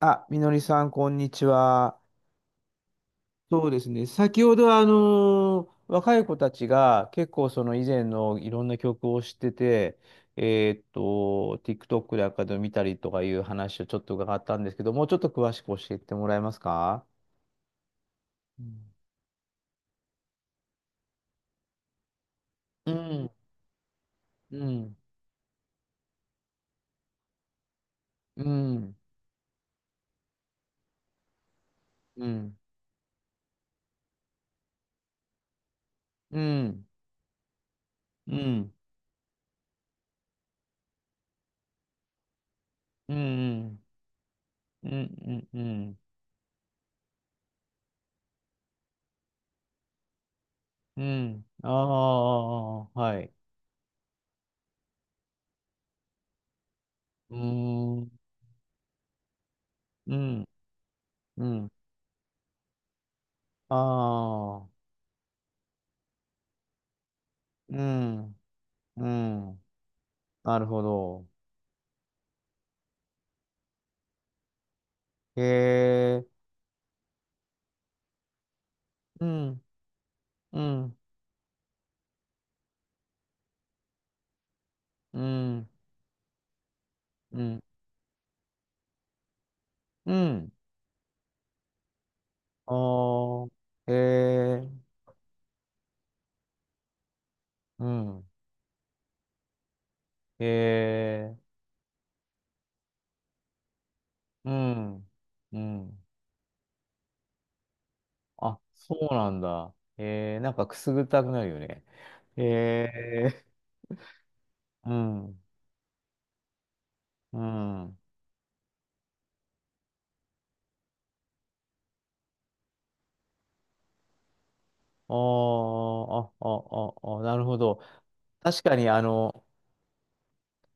あ、みのりさん、こんにちは。そうですね。先ほど、若い子たちが結構その以前のいろんな曲を知ってて、TikTok でかで見たりとかいう話をちょっと伺ったんですけど、もうちょっと詳しく教えてもらえますか？うん、うん、うん、うん、うん、うん、うん、うん、うん、うん、うん、ああ、はい。うーん、うん、うん、ああ、うん、うん、なるほど。へえ、うん、うん、うん、うん、うん、あー、へえ、うん、へえ、うん、うん。あ、そうなんだ。へえ、なんかくすぐったくなるよね。へえ、うん、うん。あーあ、あ、あ、あ、なるほど。確かに、あの、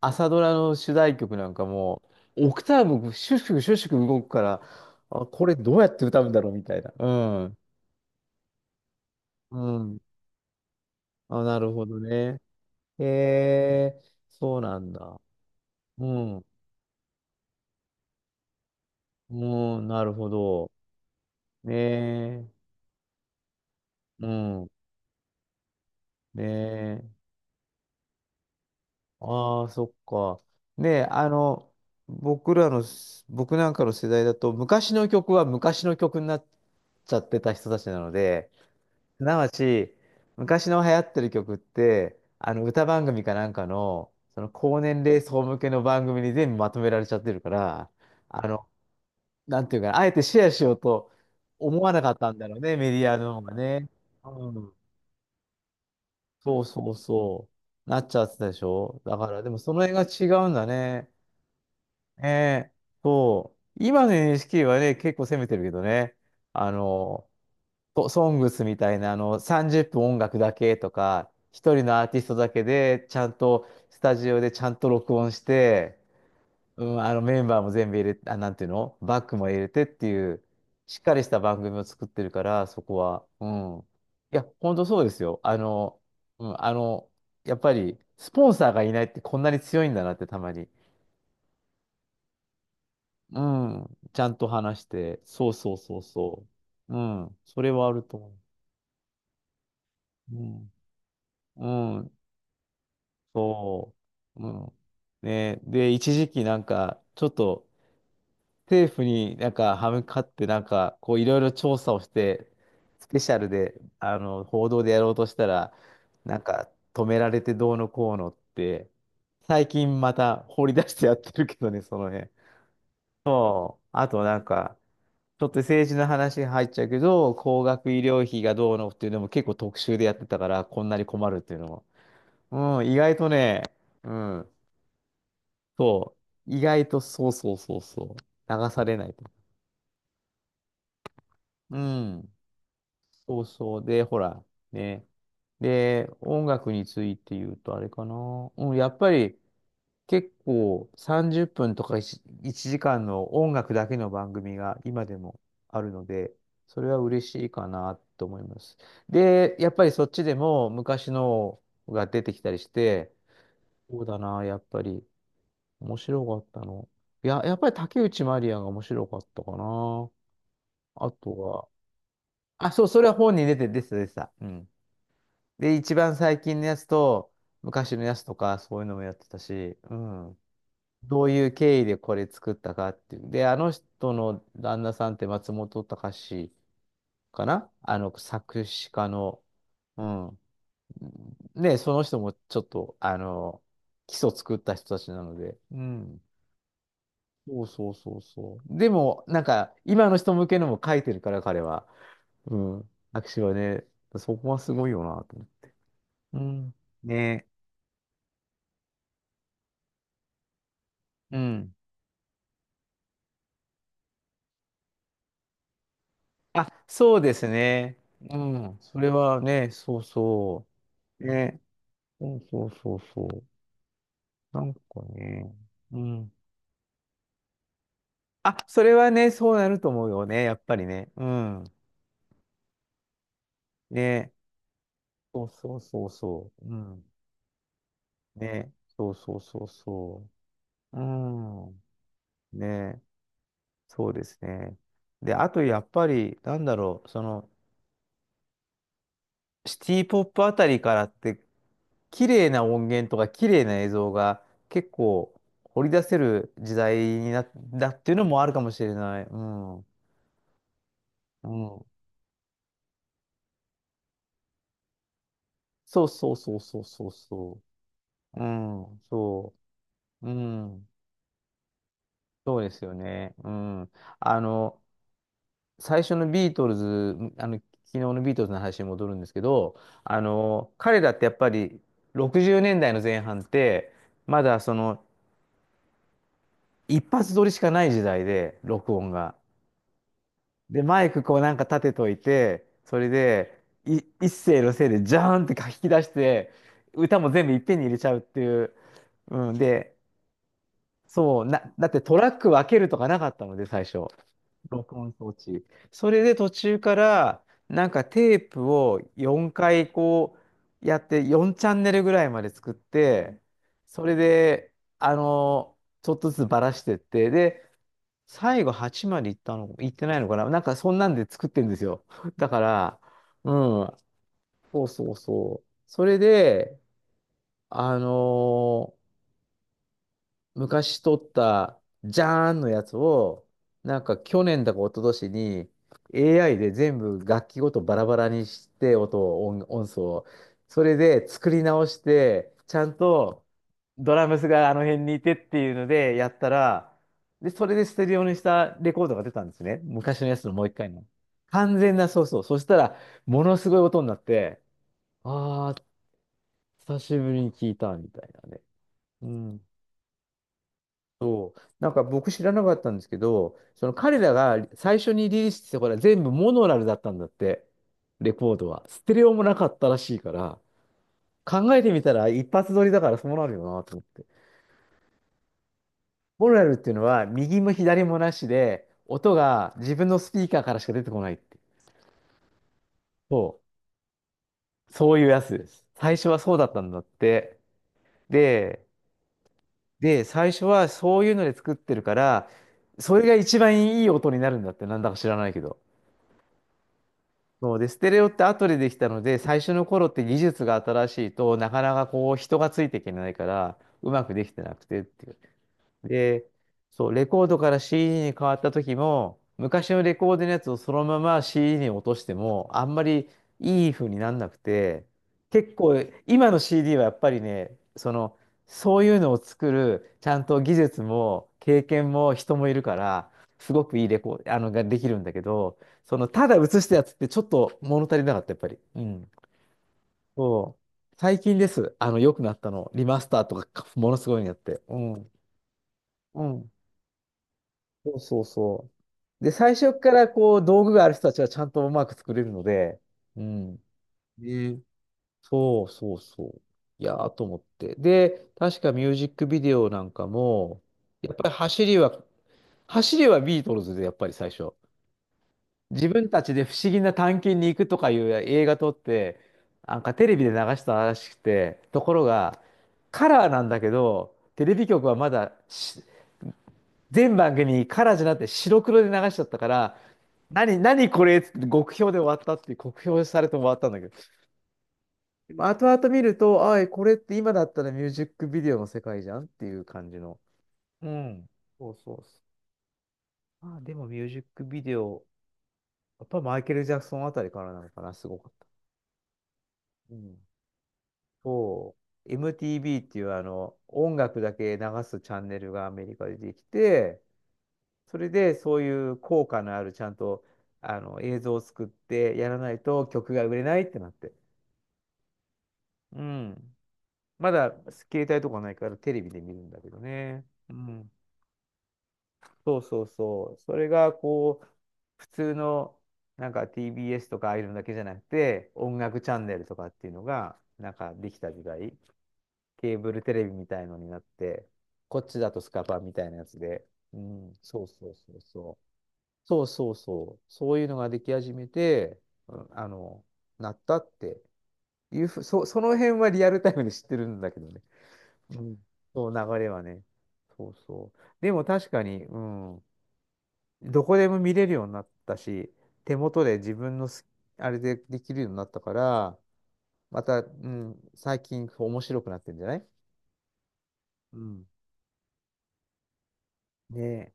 朝ドラの主題曲なんかもう、オクターブシュッシュシュッシュ動くから、あ、これどうやって歌うんだろうみたいな。うん。うん。あ、なるほどね。へえ、そうなんだ。うん。うん、なるほど。ねえ。うん。ねえ。ああ、そっか。ねえ、あの、僕らの、僕なんかの世代だと、昔の曲は昔の曲になっちゃってた人たちなので、すなわち、昔の流行ってる曲って、あの歌番組かなんかの、その高年齢層向けの番組に全部まとめられちゃってるから、あの、なんていうかな、あえてシェアしようと思わなかったんだろうね、メディアの方がね。うん。そうそうそう。なっちゃってたでしょだから、でもその辺が違うんだね。ねえ。そう。今の NHK はね、結構攻めてるけどね。あの、とソングスみたいな、あの、30分音楽だけとか、一人のアーティストだけで、ちゃんと、スタジオでちゃんと録音して、うん、あの、メンバーも全部入れて、あ、なんていうのバックも入れてっていう、しっかりした番組を作ってるから、そこは。うん。いや、ほんとそうですよ。あの、うん、あの、やっぱり、スポンサーがいないってこんなに強いんだなってたまに。うん。ちゃんと話して、そうそうそうそう。うん。それはあると思う。うん。うん。そう。うん。ね、で、一時期なんか、ちょっと政府になんか歯向かってなんか、こういろいろ調査をして、スペシャルで、あの、報道でやろうとしたら、なんか止められてどうのこうのって、最近また掘り出してやってるけどね、その辺。あとなんか、ちょっと政治の話入っちゃうけど、高額医療費がどうのっていうのも結構特集でやってたから、こんなに困るっていうのも。うん、意外とね、うん。そう。意外とそうそうそうそう。流されないと。うん。そうそう。で、ほら、ね。で、音楽について言うとあれかな。うん、やっぱり結構30分とか1時間の音楽だけの番組が今でもあるので、それは嬉しいかなと思います。で、やっぱりそっちでも昔のが出てきたりして、そうだな、やっぱり。面白かったの。いや、やっぱり竹内まりやが面白かったかな。あとは、あ、そう、それは本に出て、出てた、出てた。うん。で、一番最近のやつと、昔のやつとか、そういうのもやってたし、うん。どういう経緯でこれ作ったかっていう。で、あの人の旦那さんって松本隆かな、あの、作詞家の、うん。ね、その人もちょっと、あの、基礎作った人たちなので、うん。そうそうそうそう。でも、なんか、今の人向けのも書いてるから、彼は。うん。握手はね、そこはすごいよなと思って。うん。ね。うん。あ、そうですね。うん。それはね、そうそう。ね。そうそうそうそう。なんかね。うん。あ、それはね、そうなると思うよね、やっぱりね。うん。ね。そうそうそうそう。うん。ね。そうそうそうそう。うん。ね。そうですね。で、あとやっぱり、なんだろう、その、シティポップあたりからって、綺麗な音源とか綺麗な映像が結構掘り出せる時代になったっていうのもあるかもしれない。うん。うん。そうそうそうそうそうそう。うん。そう。うん。そうですよね。うん。あの、最初のビートルズ、あの、昨日のビートルズの話に戻るんですけど、あの、彼らってやっぱり60年代の前半って、まだその一発撮りしかない時代で、録音が。で、マイクこうなんか立てといて、それで、一声のせいでジャーンって書き出して、歌も全部いっぺんに入れちゃうっていう。うん、で、そう、だってトラック分けるとかなかったので、最初。録音装置。それで途中から、なんかテープを4回こうやって、4チャンネルぐらいまで作って、それで、あの、ちょっとずつばらしてって、で、最後8まで行ったの、行ってないのかななんかそんなんで作ってるんですよ。だから、うん、そうそうそう。それで、あの昔撮った、じゃーんのやつを、なんか去年だか一昨年に AI で全部楽器ごとバラバラにして、音を、音素を。それで作り直して、ちゃんとドラムスがあの辺にいてっていうのでやったら、で、それでステレオにしたレコードが出たんですね。昔のやつのもう一回の。完全な、そうそう。そしたら、ものすごい音になって、あー、久しぶりに聞いたみたいなね。うん。なんか僕知らなかったんですけど、その彼らが最初にリリースしてたこれは全部モノラルだったんだって、レコードは。ステレオもなかったらしいから、考えてみたら一発撮りだからそうなるよなと思って。モノラルっていうのは右も左もなしで、音が自分のスピーカーからしか出てこないって。そう、そういうやつです。最初はそうだったんだって。で、で、最初はそういうので作ってるから、それが一番いい音になるんだって、なんだか知らないけど。そうで、ステレオって後でできたので、最初の頃って技術が新しいとなかなかこう人がついていけないから、うまくできてなくてっていう。で、そう、レコードから CD に変わった時も、昔のレコードのやつをそのまま CD に落としても、あんまりいい風になんなくて、結構、今の CD はやっぱりね、その、そういうのを作る、ちゃんと技術も経験も人もいるから、すごくいいレコード、あの、ができるんだけど、その、ただ映したやつってちょっと物足りなかった、やっぱり。うん。そう。最近です。あの、良くなったの。リマスターとか、ものすごいのやって。うん。うん。そうそうそう。で、最初からこう、道具がある人たちはちゃんとうまく作れるので。うん。ね。そうそうそう。いやーと思って。で、確かミュージックビデオなんかも、やっぱり走りはビートルズで、やっぱり最初。自分たちで不思議な探検に行くとかいう映画撮って、なんかテレビで流したらしくて、ところが、カラーなんだけど、テレビ局はまだし、全番組カラーじゃなくて白黒で流しちゃったから、何、何これっつって極評で終わったっていう、酷評されて終わったんだけど。まあ後々見ると、これって今だったらミュージックビデオの世界じゃんっていう感じの。うん。そうそうそう。あ、でもミュージックビデオ、やっぱマイケル・ジャクソンあたりからなのかな、すごかった。うん。そう。MTV っていう音楽だけ流すチャンネルがアメリカでできて、それでそういう効果のあるちゃんと映像を作ってやらないと曲が売れないってなって。うん。まだ携帯とかないからテレビで見るんだけどね。うん。そうそうそう。それがこう、普通のなんか TBS とかああいうのだけじゃなくて、音楽チャンネルとかっていうのが、なんかできた時代、ケーブルテレビみたいのになって、こっちだとスカパーみたいなやつで、うん、そうそうそうそう。そうそうそう。そういうのができ始めて、うん。なったっていうその辺はリアルタイムで知ってるんだけどね。うん、そう、流れはね。そうそう。でも確かに、うん、どこでも見れるようになったし、手元で自分のす、あれでできるようになったから、また、うん、最近こう面白くなってるんじゃない。うん。ねえ。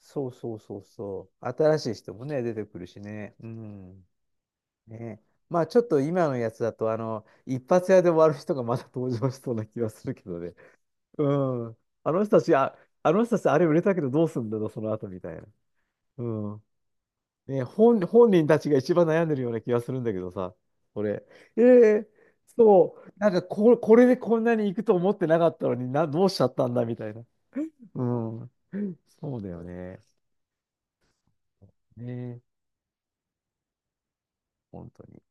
そうそうそうそう。新しい人もね、出てくるしね。うん。ねえ。まあちょっと今のやつだと、一発屋で終わる人がまた登場しそうな気はするけどね。うん。あの人たち、あ、あの人たちあれ売れたけどどうすんだろう、その後みたいな。うん。ね、本人たちが一番悩んでるような気がするんだけどさ、これ。えーそう、なんかこれでこんなに行くと思ってなかったのにな、どうしちゃったんだみたいな。うん。そうだよね。ね、本当に。